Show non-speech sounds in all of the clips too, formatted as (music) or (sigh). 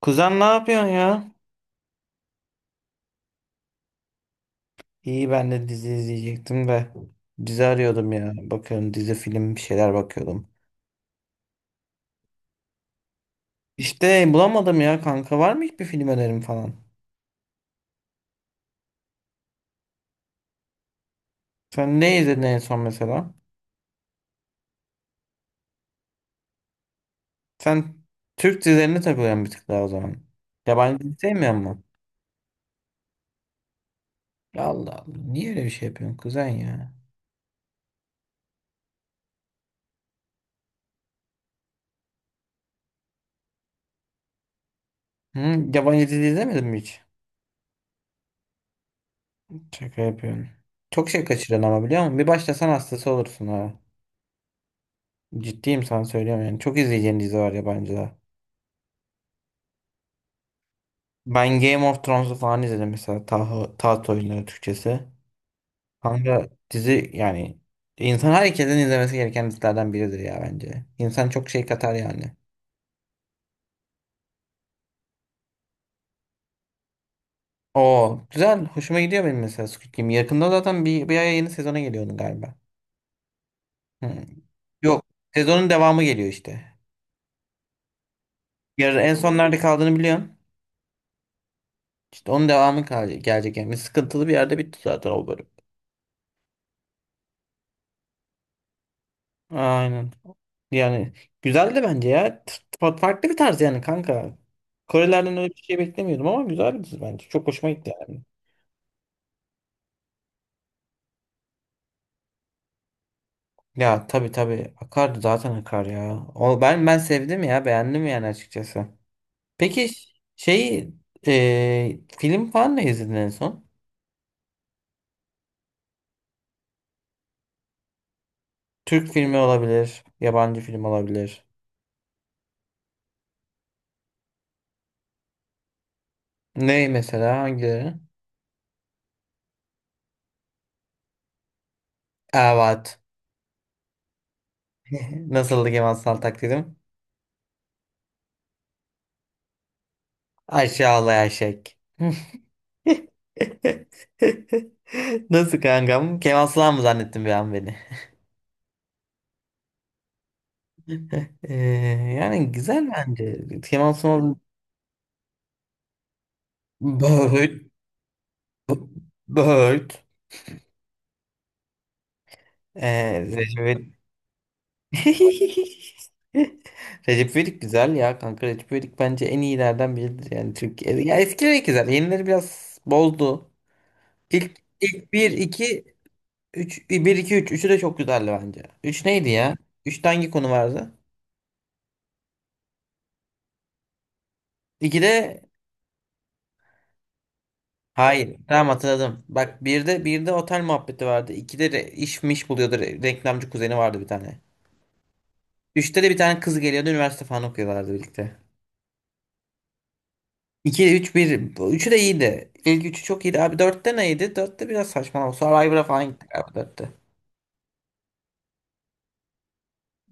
Kuzen ne yapıyorsun ya? İyi, ben de dizi izleyecektim de dizi arıyordum ya. Bakıyorum, dizi film bir şeyler bakıyordum. İşte bulamadım ya kanka, var mı hiçbir film önerim falan? Sen ne izledin en son mesela? Sen Türk dizilerine takılıyorsun bir tık daha o zaman. Yabancı dizi sevmiyor musun? Allah Allah, niye öyle bir şey yapıyorsun kuzen ya? Hı? Yabancı dizi izlemedin mi hiç? Şaka yapıyorsun. Çok şey kaçırıyorsun ama biliyor musun? Bir başlasan hastası olursun ha. Ciddiyim, sana söylüyorum yani. Çok izleyeceğin dizi var yabancıda. Ben Game of Thrones'u falan izledim mesela, Taht, Taht Oyunları Türkçesi. Kanka dizi yani, insan herkesin izlemesi gereken dizilerden biridir ya bence. İnsan çok şey katar yani. O güzel, hoşuma gidiyor benim mesela Squid Game. Yakında zaten bir aya yeni sezona geliyor onun galiba. Hmm. Yok, sezonun devamı geliyor işte. Yarın en son nerede kaldığını biliyorum. İşte onun devamı gelecek yani. Sıkıntılı bir yerde bitti zaten o bölüm. Aynen. Yani güzeldi bence ya. Farklı bir tarz yani kanka. Korelerden öyle bir şey beklemiyordum ama güzeldi bence. Çok hoşuma gitti yani. Ya tabii tabii, akardı zaten, akar ya. O, ben sevdim ya, beğendim yani açıkçası. Peki şey film falan ne izledin en son? Türk filmi olabilir, yabancı film olabilir. Ne mesela, hangileri? Evet. (laughs) Nasıldı Kemal Sunal taklidim? Aşağılayan şek. (laughs) (laughs) Nasıl kankam? Kemal Sunal mı zannettin bir an beni? Ee, Yani güzel bence. Kemal Sunal Böğüt Böğüt Recep İvedik. (laughs) Recep İvedik güzel ya kanka. Recep İvedik bence en iyilerden biridir. Yani Türkiye. Ya eskileri güzel. Yenileri biraz bozdu. İlk 1, 2, 3, 1, 2, 3. Üçü de çok güzeldi bence. 3 neydi ya? 3'te hangi konu vardı? İkide. Hayır. Tamam, hatırladım. Bak, bir de otel muhabbeti vardı. İkide de iş miş buluyordu. Reklamcı kuzeni vardı bir tane. Üçte de bir tane kız geliyordu. Üniversite falan okuyorlardı birlikte. İki, üç, bir. Bu üçü de iyiydi. İlk üçü çok iyiydi. Abi dörtte neydi? Dörtte biraz saçmalama. Survivor'a falan gittik abi dörtte.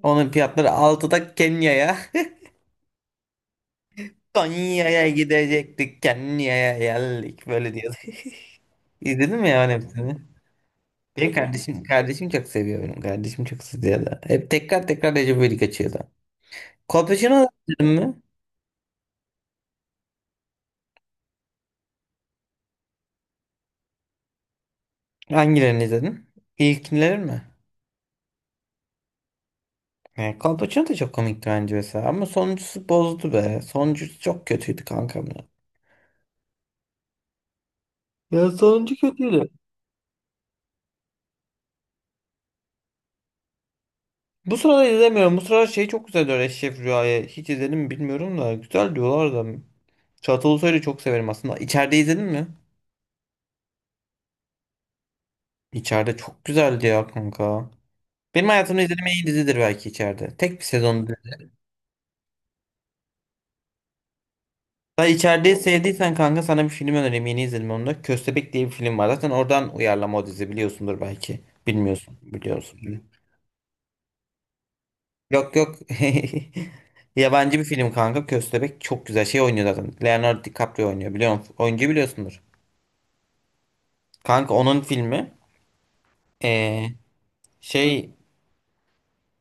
Onun fiyatları altıda Kenya'ya. (laughs) Konya'ya gidecektik, Kenya'ya geldik. Böyle diyordu. (laughs) İzledin mi ya onun hepsini? Benim kardeşim çok seviyor benim. Kardeşim çok seviyor da. Hep tekrar tekrar Recep İvedik açıyordu. Kolpaçino'yu izledin mi? Hangilerini izledin? İlkleri mi? Yani Kolpaçino da çok komikti bence mesela. Ama sonuncusu bozdu be. Sonuncusu çok kötüydü kankam ya. Ya sonuncu kötüydü. Bu sırada izlemiyorum. Bu sıralar şey çok güzel diyor, Eşref Rüya'yı. Hiç izledim mi bilmiyorum da. Güzel diyorlar da. Çağatay Ulusoy'u çok severim aslında. İçeride izledin mi? İçeride çok güzeldi ya kanka. Benim hayatımda izlediğim en iyi dizidir belki içeride. Tek bir sezon. Sen içeriği sevdiysen kanka, sana bir film önereyim. Yeni izledim onu da. Köstebek diye bir film var. Zaten oradan uyarlama o dizi, biliyorsundur belki. Bilmiyorsun, biliyorsun. Yok yok. (laughs) Yabancı bir film kanka. Köstebek çok güzel şey oynuyor zaten, Leonardo DiCaprio oynuyor. Biliyor musun? Oyuncu biliyorsundur. Kanka onun filmi ee, şey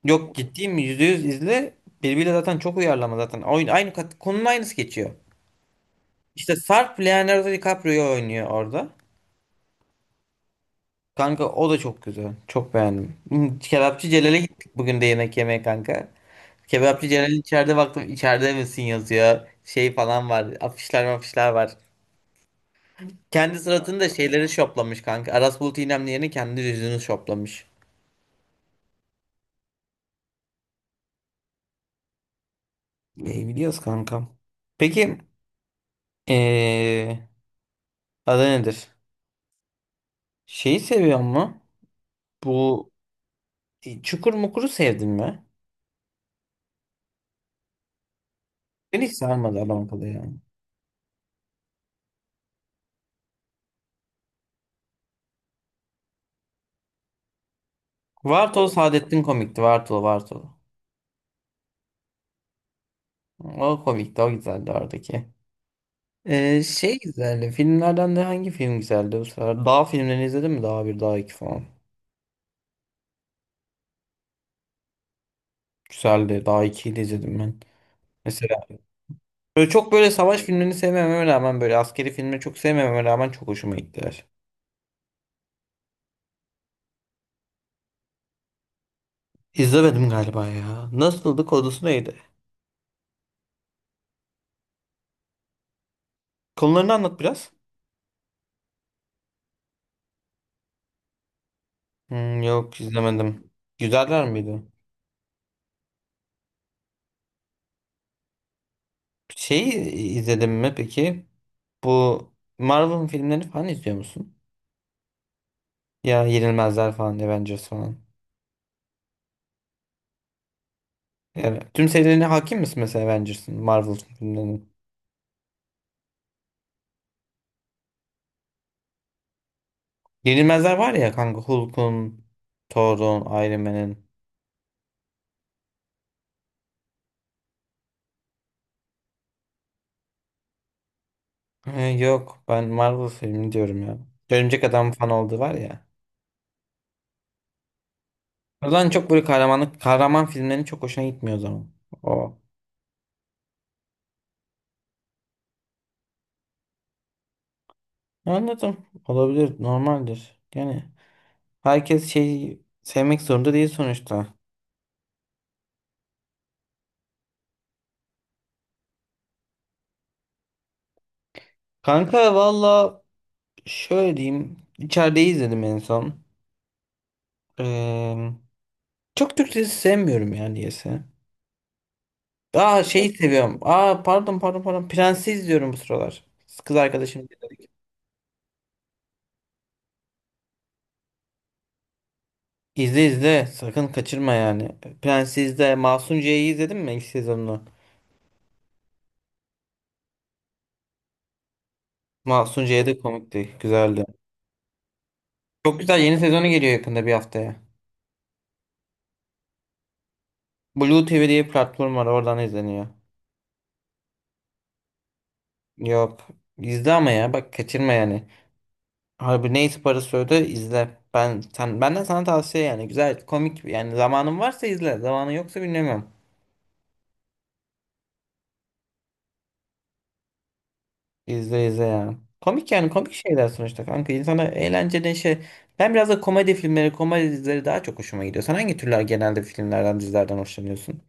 yok, ciddiyim, yüzde yüz izle. Birbiriyle zaten çok uyarlama zaten. Oyun, konunun aynısı geçiyor. İşte Sarp Leonardo DiCaprio oynuyor orada. Kanka o da çok güzel. Çok beğendim. Hmm, Kebapçı Celal'e gittik bugün de yemek yemeye kanka. Kebapçı Celal'in, içeride baktım, içeride misin yazıyor. Şey falan var, afişler, afişler var. Kendi suratını da şeyleri şoplamış kanka. Aras Bulut İynemli yerine kendi yüzünü şoplamış. İyi biliyoruz kankam. Peki ee, adı nedir? Şeyi seviyor mu? Bu Çukur Mukur'u sevdin mi? Beni hiç sarmadı, alakalı yani. Vartolu Saadettin komikti. Vartolu Vartolu. O komikti, o güzeldi oradaki. Şey güzeldi. Filmlerden de hangi film güzeldi bu sefer? Dağ filmlerini izledin mi? Dağ bir, Dağ iki falan. Güzeldi. Dağ ikiyi de izledim ben. Mesela böyle çok, böyle savaş filmlerini sevmememe rağmen, böyle askeri filmleri çok sevmememe rağmen çok hoşuma gittiler. İzlemedim galiba ya. Nasıldı? Konusu neydi? Konularını anlat biraz. Hmm, yok izlemedim. Güzeller miydi? Şeyi izledim mi peki? Bu Marvel filmlerini falan izliyor musun? Ya Yenilmezler falan, Avengers falan. Evet. Tüm serilerine hakim misin mesela Avengers'ın, Marvel filmlerinin? Yenilmezler var ya kanka, Hulk'un, Thor'un, Iron Man'in. He, yok, ben Marvel filmi diyorum ya. Örümcek Adam fan oldu var ya. Ulan çok böyle kahramanlık, kahraman filmlerin çok hoşuna gitmiyor o zaman. O. Anladım. Olabilir. Normaldir. Yani herkes şeyi sevmek zorunda değil sonuçta. Kanka valla şöyle diyeyim, İçerideyi izledim en son. Ee, Çok Türk dizisi sevmiyorum yani diyese. Aa, şeyi seviyorum. Aa, pardon pardon pardon. Prensi izliyorum bu sıralar. Kız arkadaşım, izledik. İzle izle. Sakın kaçırma yani. Prensi izle. Masunciye'yi izledin mi ilk sezonunu? Masunciye de komikti. Güzeldi. Çok güzel, yeni sezonu geliyor yakında bir haftaya. Blue TV diye bir platform var. Oradan izleniyor. Yok. İzle ama ya. Bak, kaçırma yani. Harbi, neyse parası öde izle. Ben sen, benden sana tavsiye yani. Güzel, komik yani, zamanın varsa izle. Zamanın yoksa bilmiyorum. İzle izle ya. Komik yani, komik şeyler sonuçta kanka. İnsana eğlence, neşe. Ben biraz da komedi filmleri, komedi dizileri daha çok hoşuma gidiyor. Sen hangi türler genelde filmlerden, dizilerden hoşlanıyorsun?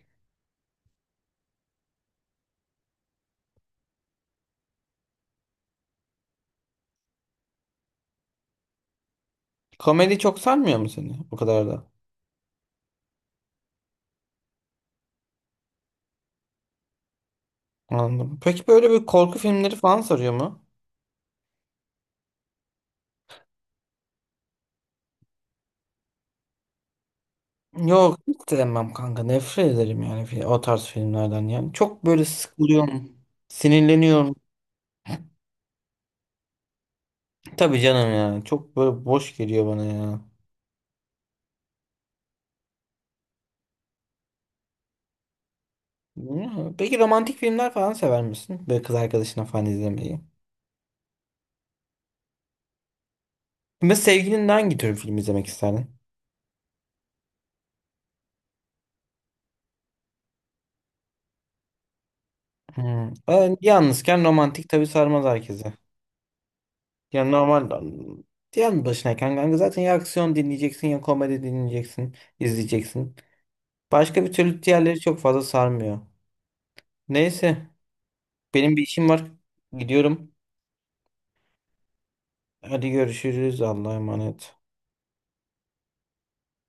Komedi çok sarmıyor mu seni? O kadar da. Anladım. Peki böyle bir korku filmleri falan sarıyor mu? Yok, hiç sevmem kanka. Nefret ederim yani, o tarz filmlerden yani. Çok böyle sıkılıyorum. Sinirleniyorum. Tabii canım ya. Çok böyle boş geliyor bana ya. Bilmiyorum. Peki romantik filmler falan sever misin? Böyle kız arkadaşına falan izlemeyi. Ve sevgilinle hangi tür film izlemek isterdin? Hmm. Yalnızken romantik tabii sarmaz herkese. Yani normal yani, başınayken kanka zaten ya aksiyon dinleyeceksin ya komedi dinleyeceksin, izleyeceksin. Başka bir türlü diğerleri çok fazla sarmıyor. Neyse, benim bir işim var. Gidiyorum. Hadi görüşürüz. Allah'a emanet.